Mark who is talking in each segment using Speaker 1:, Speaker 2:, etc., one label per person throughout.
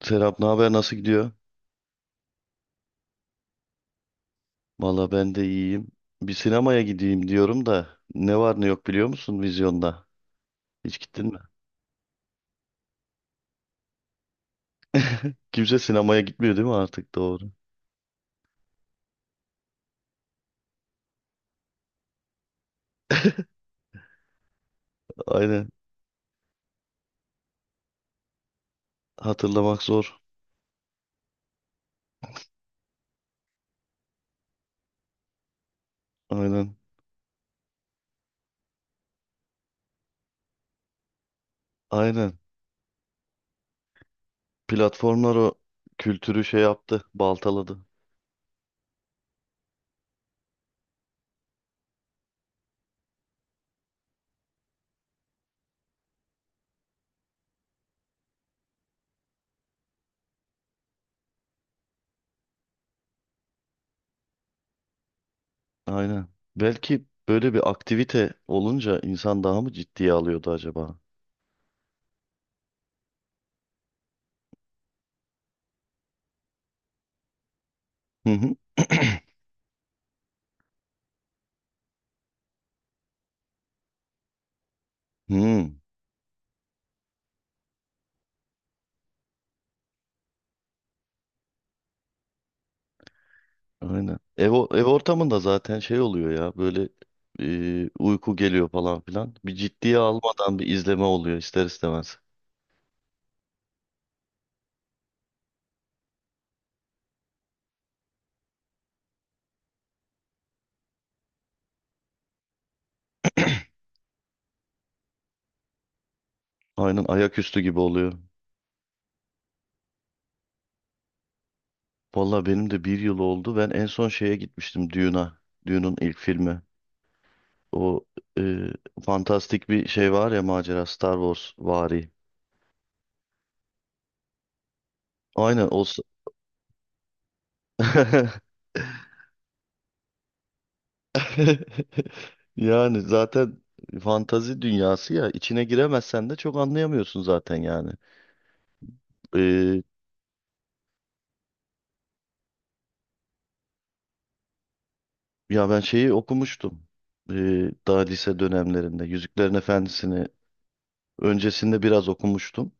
Speaker 1: Serap, ne haber, nasıl gidiyor? Valla ben de iyiyim. Bir sinemaya gideyim diyorum da, ne var ne yok biliyor musun vizyonda? Hiç gittin mi? Kimse sinemaya gitmiyor, değil mi artık? Doğru? Aynen. Hatırlamak zor. Aynen. Aynen. Platformlar o kültürü şey yaptı, baltaladı. Aynen. Belki böyle bir aktivite olunca insan daha mı ciddiye alıyordu acaba? Hı hı. Hmm. Aynen. Ev ortamında zaten şey oluyor ya böyle, uyku geliyor falan filan. Bir ciddiye almadan bir izleme oluyor ister istemez. Aynen, ayaküstü gibi oluyor. Vallahi benim de bir yıl oldu. Ben en son şeye gitmiştim, Dune'a. Dune'un ilk filmi. O, e, fantastik bir şey var ya, macera, Star Wars vari. Aynen. Yani zaten fantazi dünyası ya, içine giremezsen de çok anlayamıyorsun zaten yani. Ya ben şeyi okumuştum. Ee, daha lise dönemlerinde Yüzüklerin Efendisi'ni öncesinde biraz okumuştum.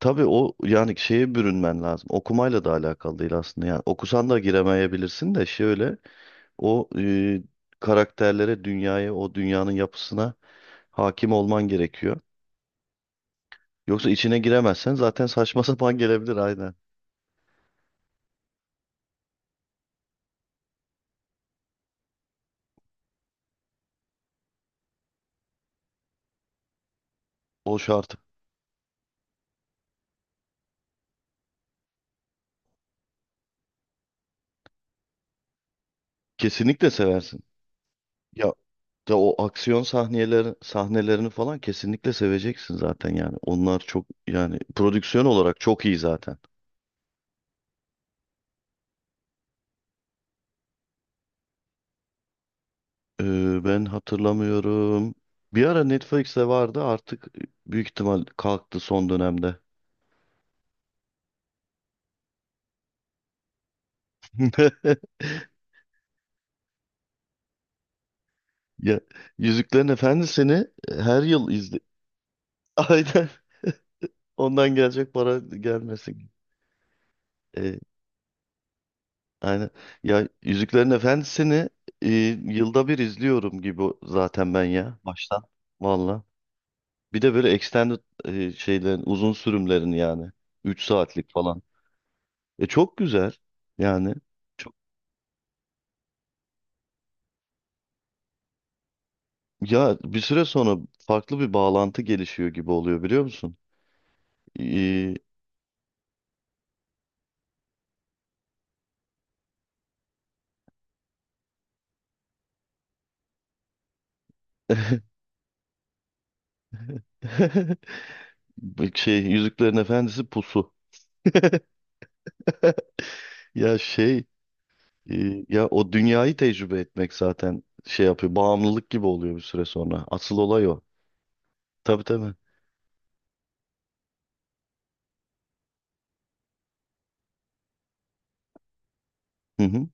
Speaker 1: Tabii, o yani şeye bürünmen lazım. Okumayla da alakalı değil aslında. Yani okusan da giremeyebilirsin de, şöyle o karakterlere, dünyaya, o dünyanın yapısına hakim olman gerekiyor. Yoksa içine giremezsen zaten saçma sapan gelebilir, aynen. O şart. Kesinlikle seversin. Ya, de o aksiyon sahnelerini falan kesinlikle seveceksin zaten yani. Onlar çok yani prodüksiyon olarak çok iyi zaten. Ben hatırlamıyorum. Bir ara Netflix'te vardı, artık büyük ihtimal kalktı son dönemde. Ya Yüzüklerin Efendisi'ni, her yıl izle. Aynen. Ondan gelecek para gelmesin. Ee, aynen. Ya Yüzüklerin Efendisi'ni, e, yılda bir izliyorum gibi zaten ben ya, baştan. Valla. Bir de böyle extended şeylerin, uzun sürümlerin yani, 3 saatlik falan. E çok güzel yani. Çok, ya bir süre sonra farklı bir bağlantı gelişiyor gibi oluyor, biliyor musun? Ee, bu şey Yüzüklerin Efendisi pusu. Ya şey, e, ya o dünyayı tecrübe etmek zaten şey yapıyor. Bağımlılık gibi oluyor bir süre sonra. Asıl olay o. Tabii tabii. Hı hı.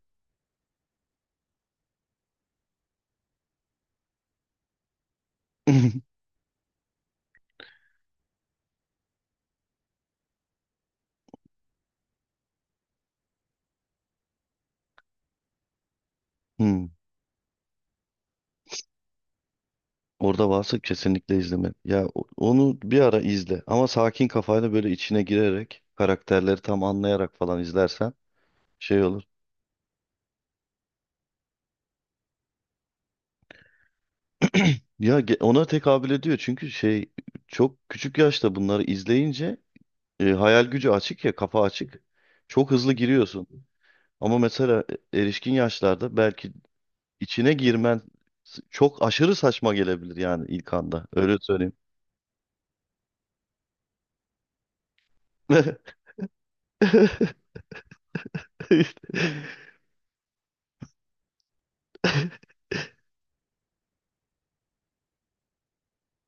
Speaker 1: Hı. Orada varsa kesinlikle izleme. Ya onu bir ara izle, ama sakin kafayla böyle içine girerek, karakterleri tam anlayarak falan izlersen şey olur. Ya ona tekabül ediyor çünkü şey, çok küçük yaşta bunları izleyince, hayal gücü açık ya, kafa açık. Çok hızlı giriyorsun. Ama mesela erişkin yaşlarda belki içine girmen çok aşırı saçma gelebilir yani ilk anda. Öyle söyleyeyim. İşte.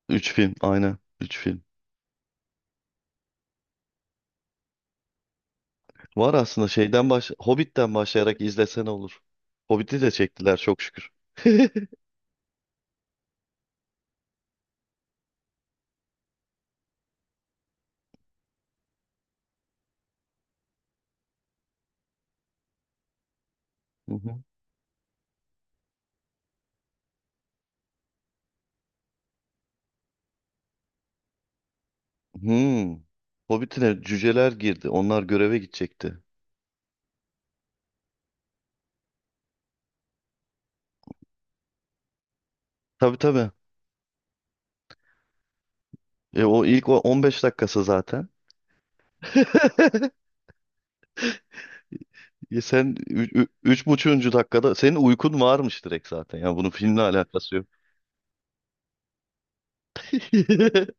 Speaker 1: Üç film aynen. Üç film. Var aslında şeyden, Hobbit'ten başlayarak izlesene olur. Hobbit'i de çektiler çok şükür. Hı hı. Hmm. Hobbit'ine cüceler girdi. Onlar göreve gidecekti. Tabii tabii. E, o ilk 15 dakikası zaten. E, 3,5. Dakikada senin uykun varmış direkt zaten. Yani bunun filmle alakası yok.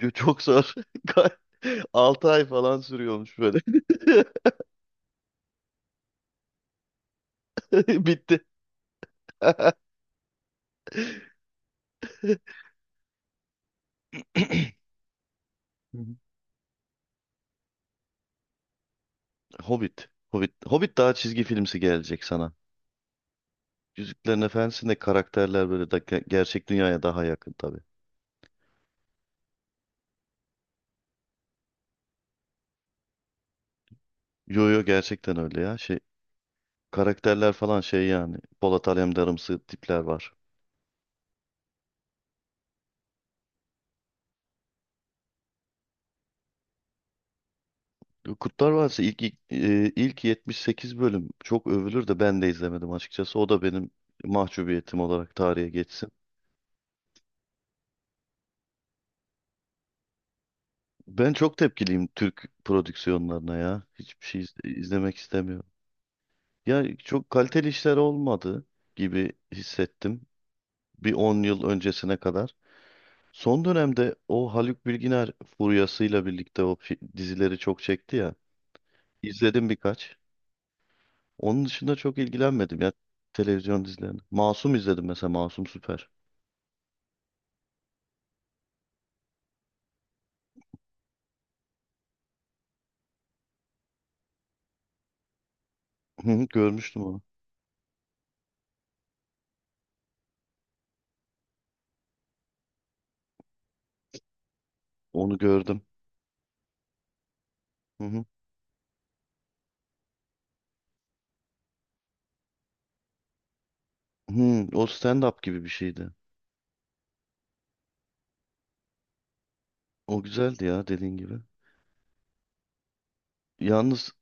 Speaker 1: Yo, çok zor. 6 ay falan sürüyormuş böyle. Bitti. Hobbit. Hobbit. Hobbit daha çizgi filmsi gelecek sana. Yüzüklerin Efendisi'nde karakterler böyle da gerçek dünyaya daha yakın tabii. Yo yo gerçekten öyle ya. Şey karakterler falan şey yani. Polat Alemdarımsı tipler var. Kurtlar Vadisi ilk 78 bölüm çok övülür de ben de izlemedim açıkçası. O da benim mahcubiyetim olarak tarihe geçsin. Ben çok tepkiliyim Türk prodüksiyonlarına ya. Hiçbir şey izlemek istemiyorum. Ya çok kaliteli işler olmadı gibi hissettim, bir 10 yıl öncesine kadar. Son dönemde o Haluk Bilginer furyasıyla birlikte o dizileri çok çekti ya. İzledim birkaç. Onun dışında çok ilgilenmedim ya televizyon dizilerini. Masum izledim mesela, Masum Süper. Hı hı, görmüştüm onu. Onu gördüm. Hı hı. Hı, o stand-up gibi bir şeydi. O güzeldi ya, dediğin gibi. Yalnız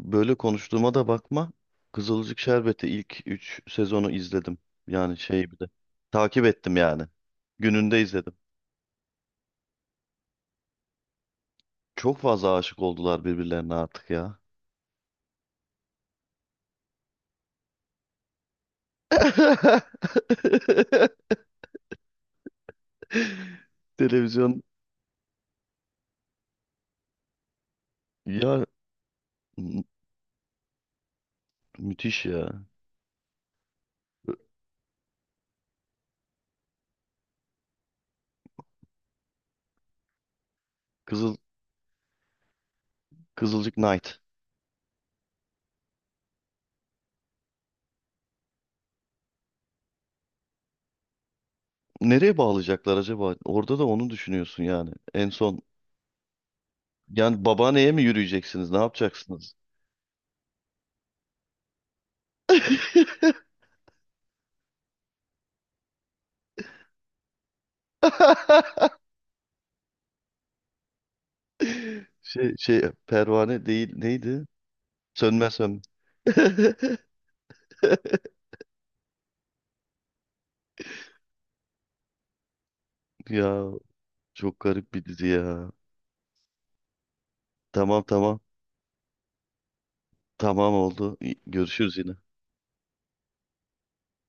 Speaker 1: böyle konuştuğuma da bakma. Kızılcık Şerbeti ilk 3 sezonu izledim. Yani şey bir de. Takip ettim yani. Gününde izledim. Çok fazla aşık oldular birbirlerine artık ya. Televizyon ya, mü- müthiş ya. Kızıl Kızılcık Knight. Nereye bağlayacaklar acaba? Orada da onu düşünüyorsun yani. En son yani babaanneye mi yürüyeceksiniz? Ne yapacaksınız? Şey pervane değil, neydi? Sönmez, Sönmez. Ya çok garip bir dizi ya. Tamam, tamam. Tamam oldu. İyi, görüşürüz yine.